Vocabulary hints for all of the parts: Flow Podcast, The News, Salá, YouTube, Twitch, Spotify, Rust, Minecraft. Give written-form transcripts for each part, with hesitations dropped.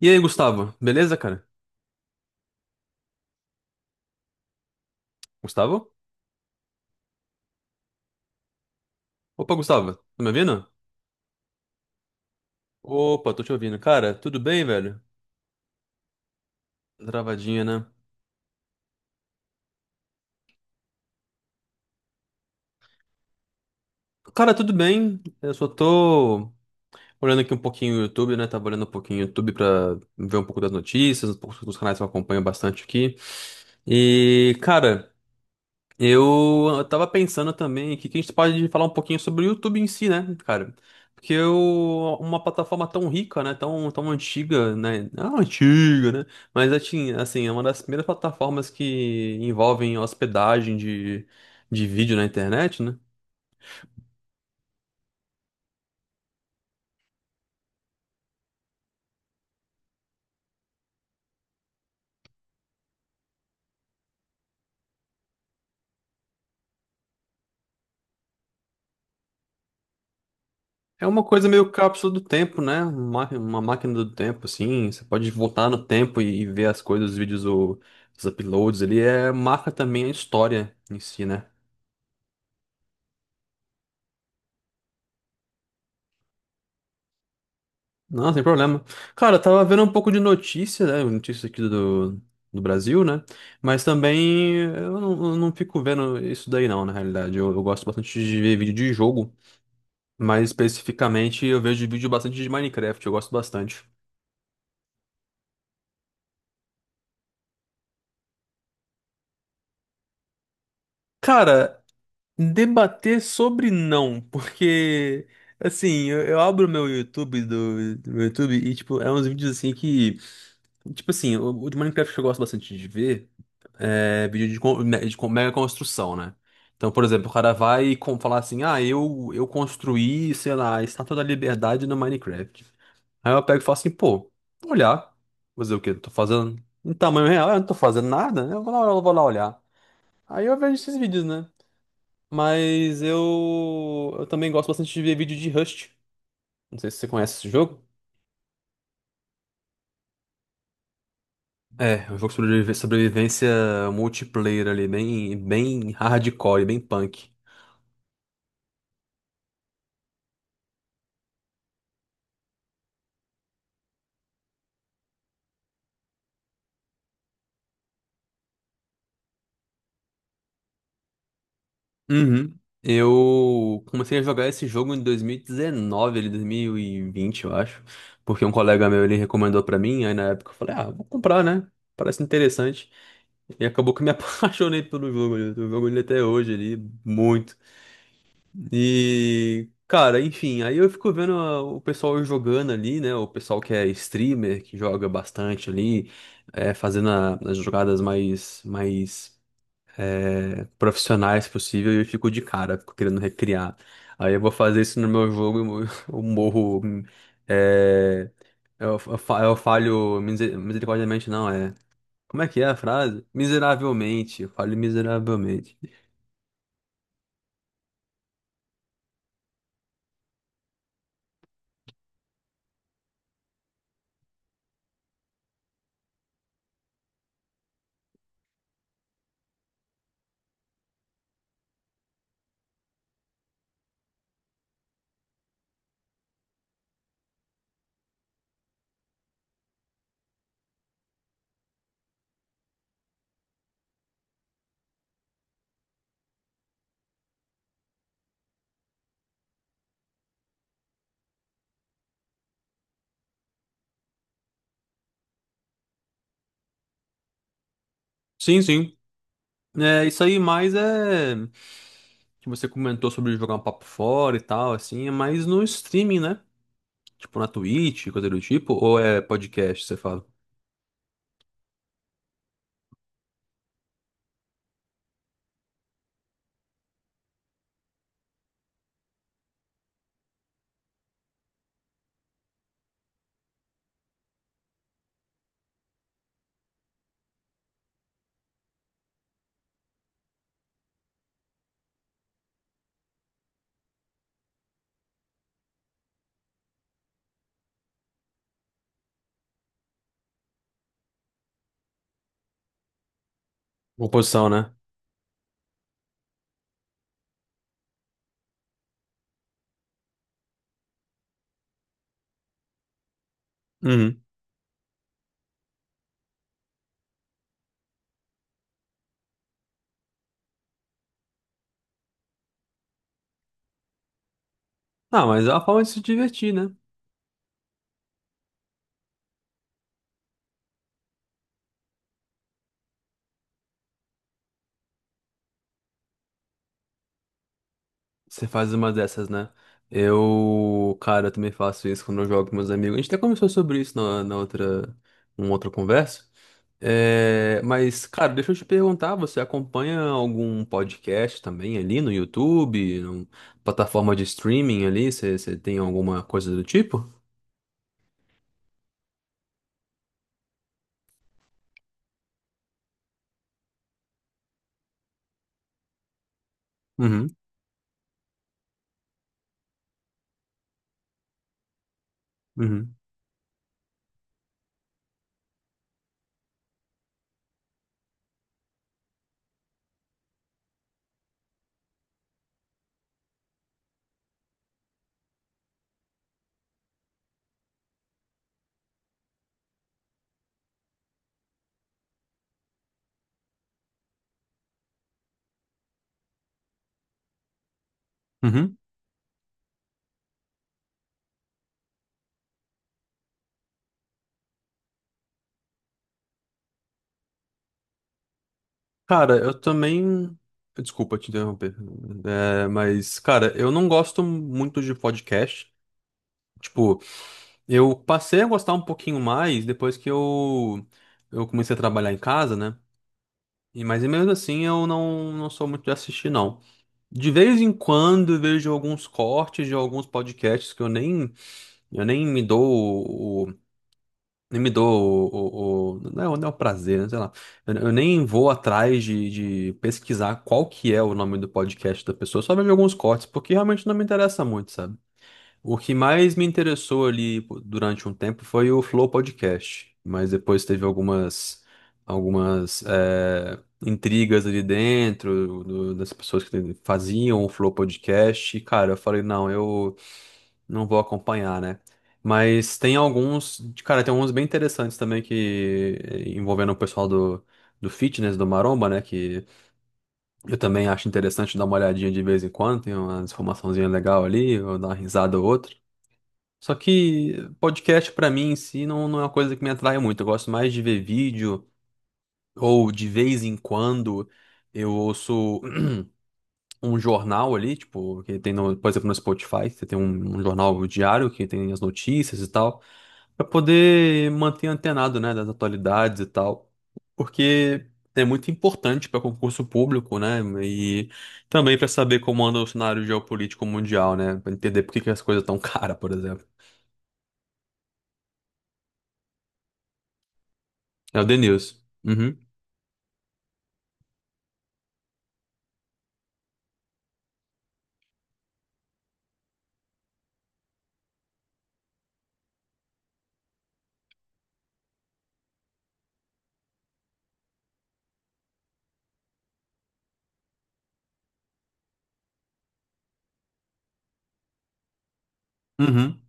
E aí, Gustavo? Beleza, cara? Gustavo? Opa, Gustavo, tá me ouvindo? Opa, tô te ouvindo. Cara, tudo bem, velho? Travadinha, né? Cara, tudo bem. Eu só tô olhando aqui um pouquinho o YouTube, né? Tava olhando um pouquinho o YouTube pra ver um pouco das notícias, um pouco dos canais que eu acompanho bastante aqui. E, cara. Eu tava pensando também que a gente pode falar um pouquinho sobre o YouTube em si, né, cara? Porque eu, uma plataforma tão rica, né, tão, tão antiga, né, não antiga, né, mas assim, é uma das primeiras plataformas que envolvem hospedagem de vídeo na internet, né? É uma coisa meio cápsula do tempo, né? Uma máquina do tempo, assim, você pode voltar no tempo e ver as coisas, os vídeos, os uploads ali, é, marca também a história em si, né? Não, sem problema. Cara, eu tava vendo um pouco de notícia, né? Notícias aqui do Brasil, né? Mas também eu não fico vendo isso daí, não, na realidade. Eu gosto bastante de ver vídeo de jogo, mas especificamente eu vejo vídeo bastante de Minecraft, eu gosto bastante. Cara, debater sobre não, porque assim, eu abro meu YouTube do meu YouTube e, tipo, é uns vídeos assim que. Tipo assim, o de Minecraft eu gosto bastante de ver. É, vídeo de, mega construção, né? Então, por exemplo, o cara vai falar assim, ah, eu construí, sei lá, a Estátua da Liberdade no Minecraft. Aí eu pego e falo assim, pô, vou olhar. Fazer o quê? Tô fazendo em tamanho real, eu não tô fazendo nada, né? Eu vou lá olhar. Aí eu vejo esses vídeos, né? Mas eu também gosto bastante de ver vídeo de Rust. Não sei se você conhece esse jogo. É um jogo sobre sobrevivência multiplayer ali, bem, bem hardcore, bem punk. Uhum. Eu comecei a jogar esse jogo em 2019, ele 2020 eu acho, porque um colega meu ele recomendou pra mim, aí na época eu falei, ah, vou comprar, né? Parece interessante. E acabou que eu me apaixonei pelo jogo, eu tô jogando ele até hoje ali, muito. E, cara, enfim, aí eu fico vendo o pessoal jogando ali, né? O pessoal que é streamer, que joga bastante ali, é, fazendo as jogadas mais, mais é, profissionais possível e eu fico de cara, fico querendo recriar. Aí eu vou fazer isso no meu jogo e eu eu morro. É, eu falho misericordiamente, não, é. Como é que é a frase? Miseravelmente, eu falho miseravelmente. Sim, sim. É, isso aí mais é que você comentou sobre jogar um papo fora e tal, assim, é mais no streaming, né? Tipo na Twitch, coisa do tipo, ou é podcast, você fala? Composição, né? Uhum. Ah, mas é uma forma de se divertir, né? Você faz uma dessas, né? Cara, eu também faço isso quando eu jogo com meus amigos. A gente até conversou sobre isso numa outra conversa. É, mas, cara, deixa eu te perguntar, você acompanha algum podcast também ali no YouTube, numa plataforma de streaming ali? Você tem alguma coisa do tipo? Uhum, uhum, uhum. Cara, eu também. Desculpa te interromper. É, mas, cara, eu não gosto muito de podcast. Tipo. Eu passei a gostar um pouquinho mais depois que eu comecei a trabalhar em casa, né? E, mas mesmo assim eu não, não sou muito de assistir, não. De vez em quando eu vejo alguns cortes de alguns podcasts que eu nem me dou o, o- nem me dou não é, o não é o prazer, né? Sei lá. Eu nem vou atrás de pesquisar qual que é o nome do podcast da pessoa, só vejo alguns cortes, porque realmente não me interessa muito, sabe? O que mais me interessou ali pô, durante um tempo foi o Flow Podcast, mas depois teve algumas intrigas ali dentro das pessoas que faziam o Flow Podcast. E, cara, eu falei, não, eu não vou acompanhar, né? Mas cara, tem alguns bem interessantes também que envolvendo o pessoal do fitness, do Maromba, né? Que eu também acho interessante dar uma olhadinha de vez em quando, tem uma informaçãozinha legal ali, ou dar uma risada ou outra. Só que podcast pra mim em si não é uma coisa que me atrai muito. Eu gosto mais de ver vídeo ou de vez em quando eu ouço um jornal ali, tipo, que tem no, por exemplo, no Spotify, você tem um jornal diário que tem as notícias e tal, pra poder manter antenado, né, das atualidades e tal. Porque é muito importante para concurso público, né? E também para saber como anda o cenário geopolítico mundial, né? Para entender por que que as coisas estão caras, por exemplo. É o The News. Uhum.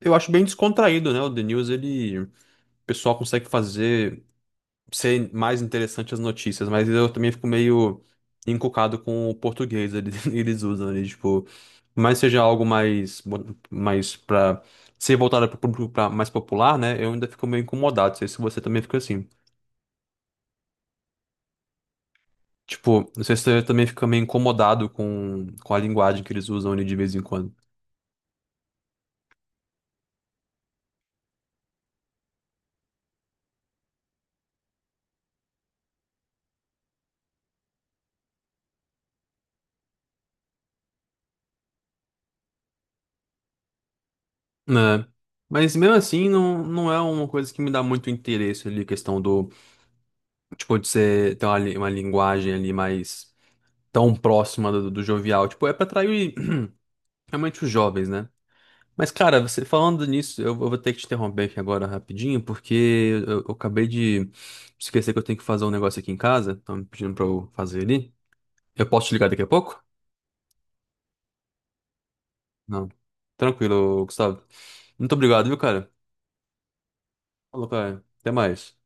Eu acho bem descontraído, né? O The News, ele, o pessoal consegue fazer ser mais interessante as notícias, mas eu também fico meio encucado com o português eles usam ali, tipo. Mas seja algo mais, mais para ser voltado para o público mais popular, né? Eu ainda fico meio incomodado. Não sei se você também fica assim. Tipo, não sei se você também fica meio incomodado com a linguagem que eles usam ali de vez em quando. Né? Mas mesmo assim, não é uma coisa que me dá muito interesse ali, a questão do tipo, de você ter uma linguagem ali mais tão próxima do jovial. Tipo, é pra atrair realmente os jovens, né? Mas, cara, você falando nisso, eu vou ter que te interromper aqui agora rapidinho, porque eu acabei de esquecer que eu tenho que fazer um negócio aqui em casa. Estão me pedindo pra eu fazer ali. Eu posso te ligar daqui a pouco? Não. Tranquilo, Gustavo. Muito obrigado, viu, cara? Falou, cara. Até mais.